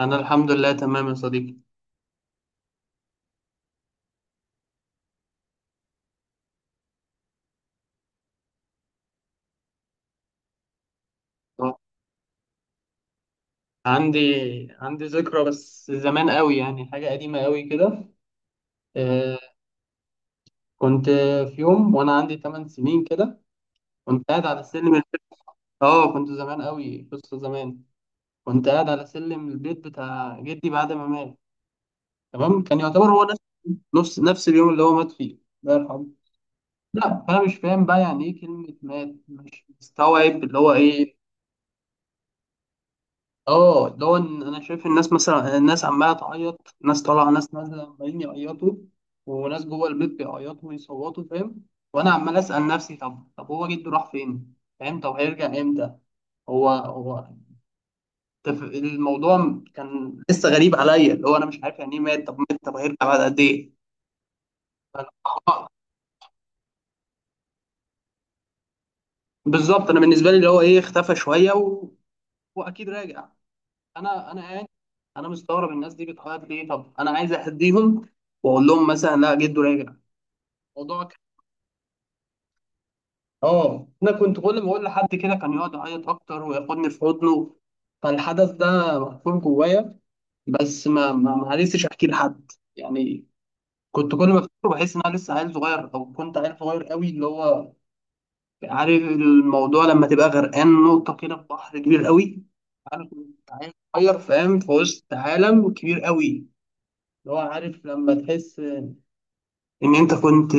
انا الحمد لله تمام يا صديقي. آه، عندي عندي ذكرى، بس زمان قوي، يعني حاجه قديمه قوي كده. آه كنت في يوم وانا عندي 8 سنين كده، كنت قاعد على سلم البيت. اه كنت زمان قوي، قصه زمان. كنت قاعد على سلم البيت بتاع جدي بعد ما مات. تمام، كان يعتبر هو نفس نفس اليوم اللي هو مات فيه. الله يرحمه. لا، فانا مش فاهم بقى يعني ايه كلمه مات، مش مستوعب اللي هو ايه. اه اللي هو إن انا شايف الناس، مثلا الناس عماله تعيط، ناس طالعه ناس نازله عمالين يعيطوا، وناس جوه البيت بيعيطوا ويصوتوا، فاهم. وانا عمال اسال نفسي، طب هو جده راح فين، فاهم؟ طب هيرجع امتى؟ هو هو الموضوع كان لسه غريب عليا، اللي هو انا مش عارف يعني ايه مات، طب مات، طب هيرجع بعد قد ايه؟ فأنا- بالظبط، انا بالنسبه لي اللي هو ايه، اختفى شويه واكيد راجع. انا قاعد، انا مستغرب الناس دي بتعيط ليه، طب انا عايز اهديهم واقول لهم مثلا لا، جده راجع. الموضوع كان، اه انا كنت كل ما اقول لحد كده كان يقعد يعيط اكتر وياخدني في حضنه. فالحدث ده محفور جوايا، بس ما عرفتش احكي لحد، يعني. كنت كل ما افتكره بحس ان انا لسه عيل صغير، او كنت عيل صغير قوي، اللي هو عارف الموضوع لما تبقى غرقان نقطة كده في بحر كبير قوي. انا كنت عيل صغير، فاهم، في وسط عالم كبير قوي، اللي هو عارف لما تحس ان انت كنت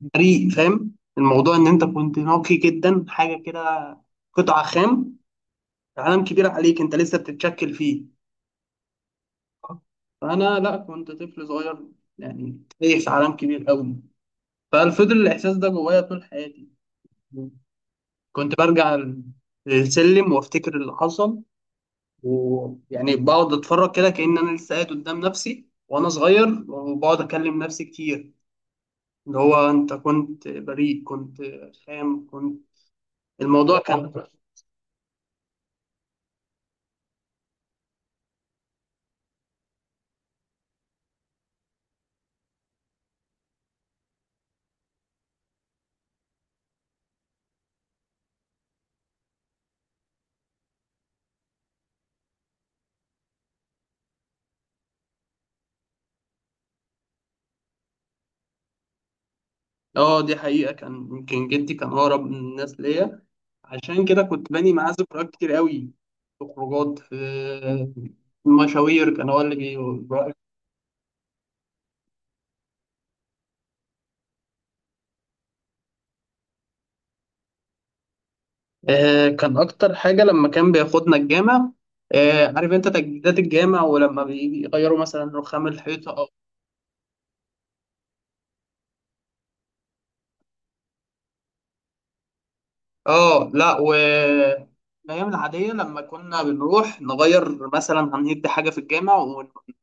بريء، فاهم الموضوع ان انت كنت نقي جدا، حاجه كده، قطعه خام، عالم كبير عليك انت لسه بتتشكل فيه. فانا لا، كنت طفل صغير، يعني تايه في عالم كبير قوي. ففضل الاحساس ده جوايا طول حياتي. كنت برجع السلم وافتكر اللي حصل، ويعني بقعد اتفرج كده كأن انا لسه قاعد قدام نفسي وانا صغير، وبقعد اكلم نفسي كتير، اللي هو انت كنت بريء، كنت خام، كنت. الموضوع كان، اه دي حقيقة، كان يمكن جدي كان اقرب من الناس ليا، عشان كده كنت باني معاه ذكريات كتير قوي، في خروجات، في مشاوير، كان هو اللي بي. كان اكتر حاجة لما كان بياخدنا الجامع. عارف انت تجديدات الجامع ولما بيغيروا مثلا رخام الحيطة؟ اه لا، و الايام العاديه لما كنا بنروح نغير مثلا هندي حاجه في الجامع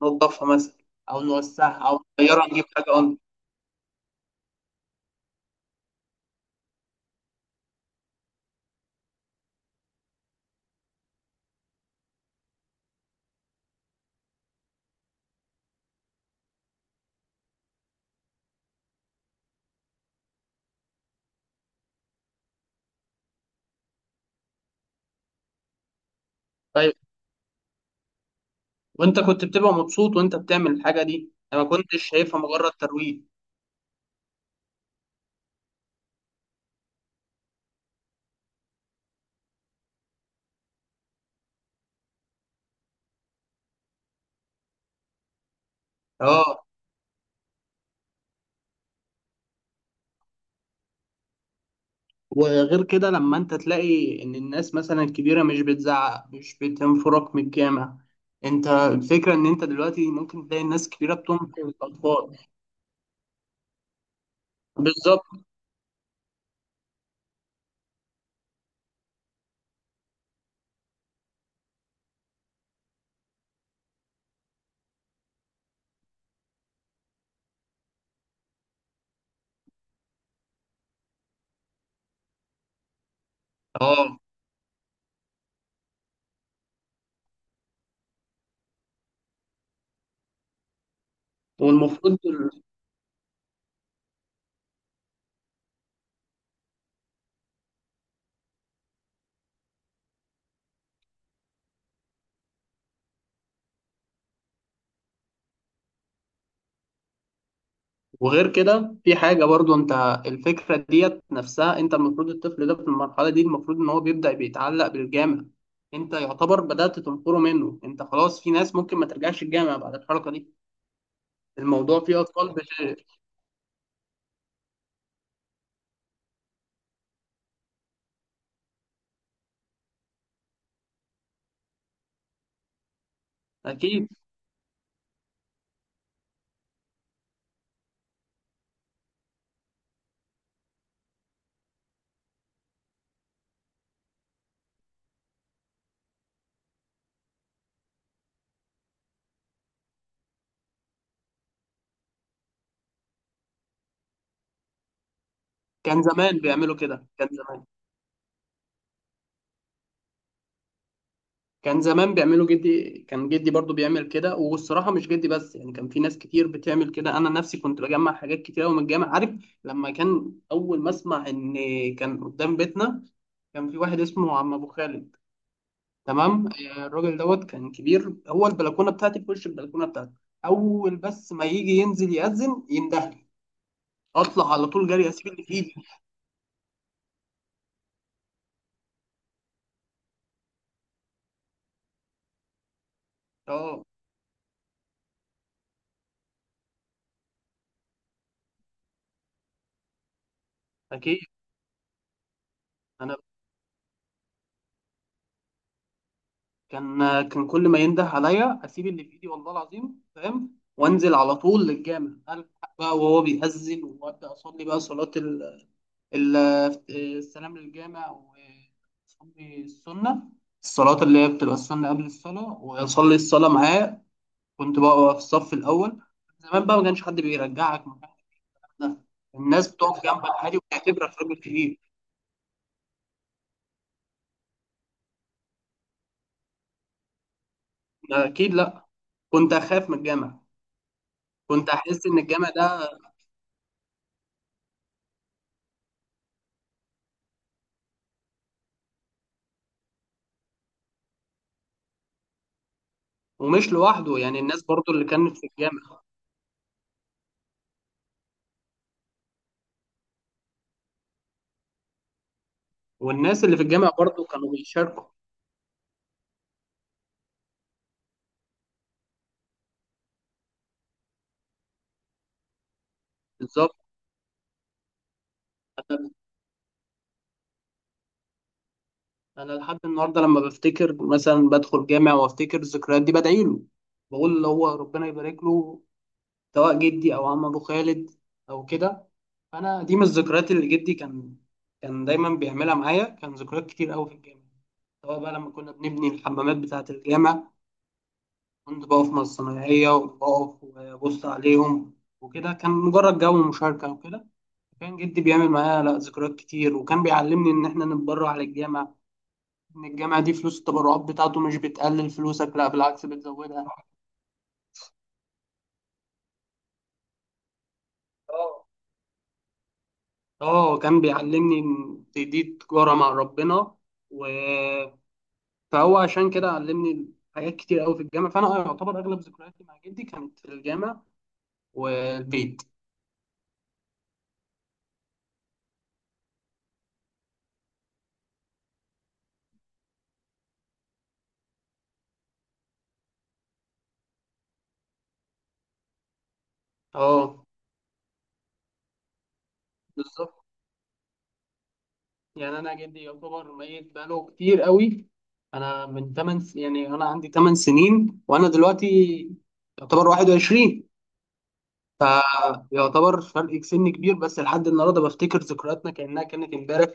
وننضفها مثلا، او نوسعها او نغيرها، نجيب حاجه انضف. طيب، وانت كنت بتبقى مبسوط وانت بتعمل الحاجه دي؟ انا ما كنتش شايفها مجرد ترويج. اه وغير كده، لما انت تلاقي ان الناس مثلا الكبيره مش بتزعق، مش بتنفرك من الجامع، انت الفكره ان انت دلوقتي ممكن تلاقي الناس الكبيره بتنقذ الاطفال. بالظبط. اه والمفروض. وغير كده في حاجة برضو انت، الفكرة ديت نفسها، انت المفروض الطفل ده في المرحلة دي المفروض ان هو بيبدأ بيتعلق بالجامع، انت يعتبر بدأت تنقره منه، انت خلاص، في ناس ممكن ما ترجعش الجامع بعد الحركة دي. الموضوع فيه اطفال بت... اكيد. كان زمان بيعملوا كده، كان زمان. كان زمان بيعملوا، جدي كان، جدي برضو بيعمل كده، والصراحة مش جدي بس، يعني كان في ناس كتير بتعمل كده. أنا نفسي كنت بجمع حاجات كتير أوي من الجامع، عارف؟ لما كان أول ما أسمع إن كان قدام بيتنا، كان في واحد اسمه عم أبو خالد. تمام، آه، الراجل دوت كان كبير، هو البلكونة بتاعتي في وش البلكونة بتاعتي، أول بس ما يجي ينزل يأذن يندهلي، أطلع على طول جري، أسيب اللي في إيدي. أه. أكيد. أنا كان كل ما ينده عليا اسيب اللي في ايدي، والله العظيم، فاهم، وانزل على طول للجامع، الحق بقى وهو بيأذن، وابدا اصلي بقى صلاه ال... السلام للجامع، واصلي السنه، الصلاه اللي هي بتبقى السنه قبل الصلاه، واصلي الصلاه معاه. كنت بقى في الصف الاول، زمان بقى ما كانش حد بيرجعك مكانك، لا. الناس بتقف جنبك عادي وبتعتبرك راجل كبير. أنا اكيد لا، كنت اخاف من الجامع، كنت احس ان الجامع ده. ومش لوحده، يعني الناس برضو اللي كانت في الجامع، والناس اللي في الجامع برضو كانوا بيشاركوا. بالظبط. انا أنا لحد النهارده لما بفتكر مثلا بدخل جامع وافتكر الذكريات دي بدعي له، بقول اللي هو ربنا يبارك له، سواء جدي او عم ابو خالد او كده. انا دي من الذكريات اللي جدي كان، كان دايما بيعملها معايا، كان ذكريات كتير قوي في الجامع، سواء بقى لما كنا بنبني الحمامات بتاعة الجامع، كنت بقف مع الصنايعية وبقف وأبص عليهم وكده، كان مجرد جو مشاركة وكده. كان جدي بيعمل معايا لا ذكريات كتير، وكان بيعلمني ان احنا نتبرع للجامع، ان الجامع دي فلوس التبرعات بتاعته مش بتقلل فلوسك، لا بالعكس بتزودها. اه، اه، كان بيعلمني ان دي تجارة مع ربنا. و... فهو عشان كده علمني حاجات كتير قوي في الجامع، فانا يعتبر اغلب ذكرياتي مع جدي كانت في الجامع والبيت. اه بالظبط. يعني انا جدي يعتبر ميت بقاله كتير قوي، انا من 8 س... يعني انا عندي 8 سنين وانا دلوقتي يعتبر 21. فيعتبر فرق سن كبير، بس لحد النهارده بفتكر ذكرياتنا كانها كانت امبارح.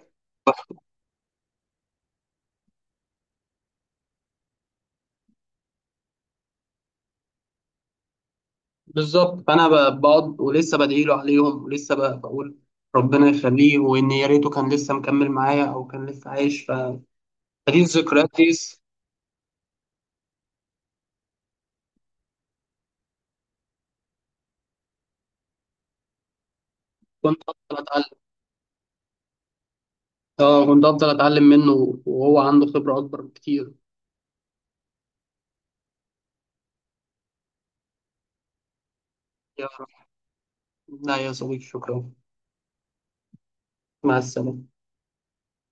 بالظبط، بقعد ولسه بدعي له عليهم، ولسه بقول ربنا يخليه، وان يا ريته كان لسه مكمل معايا او كان لسه عايش فدي الذكريات دي. كنت افضل اتعلم. اه كنت افضل اتعلم منه، وهو عنده خبره اكبر بكتير. لا يا صديقي، شكرا. مع السلامة.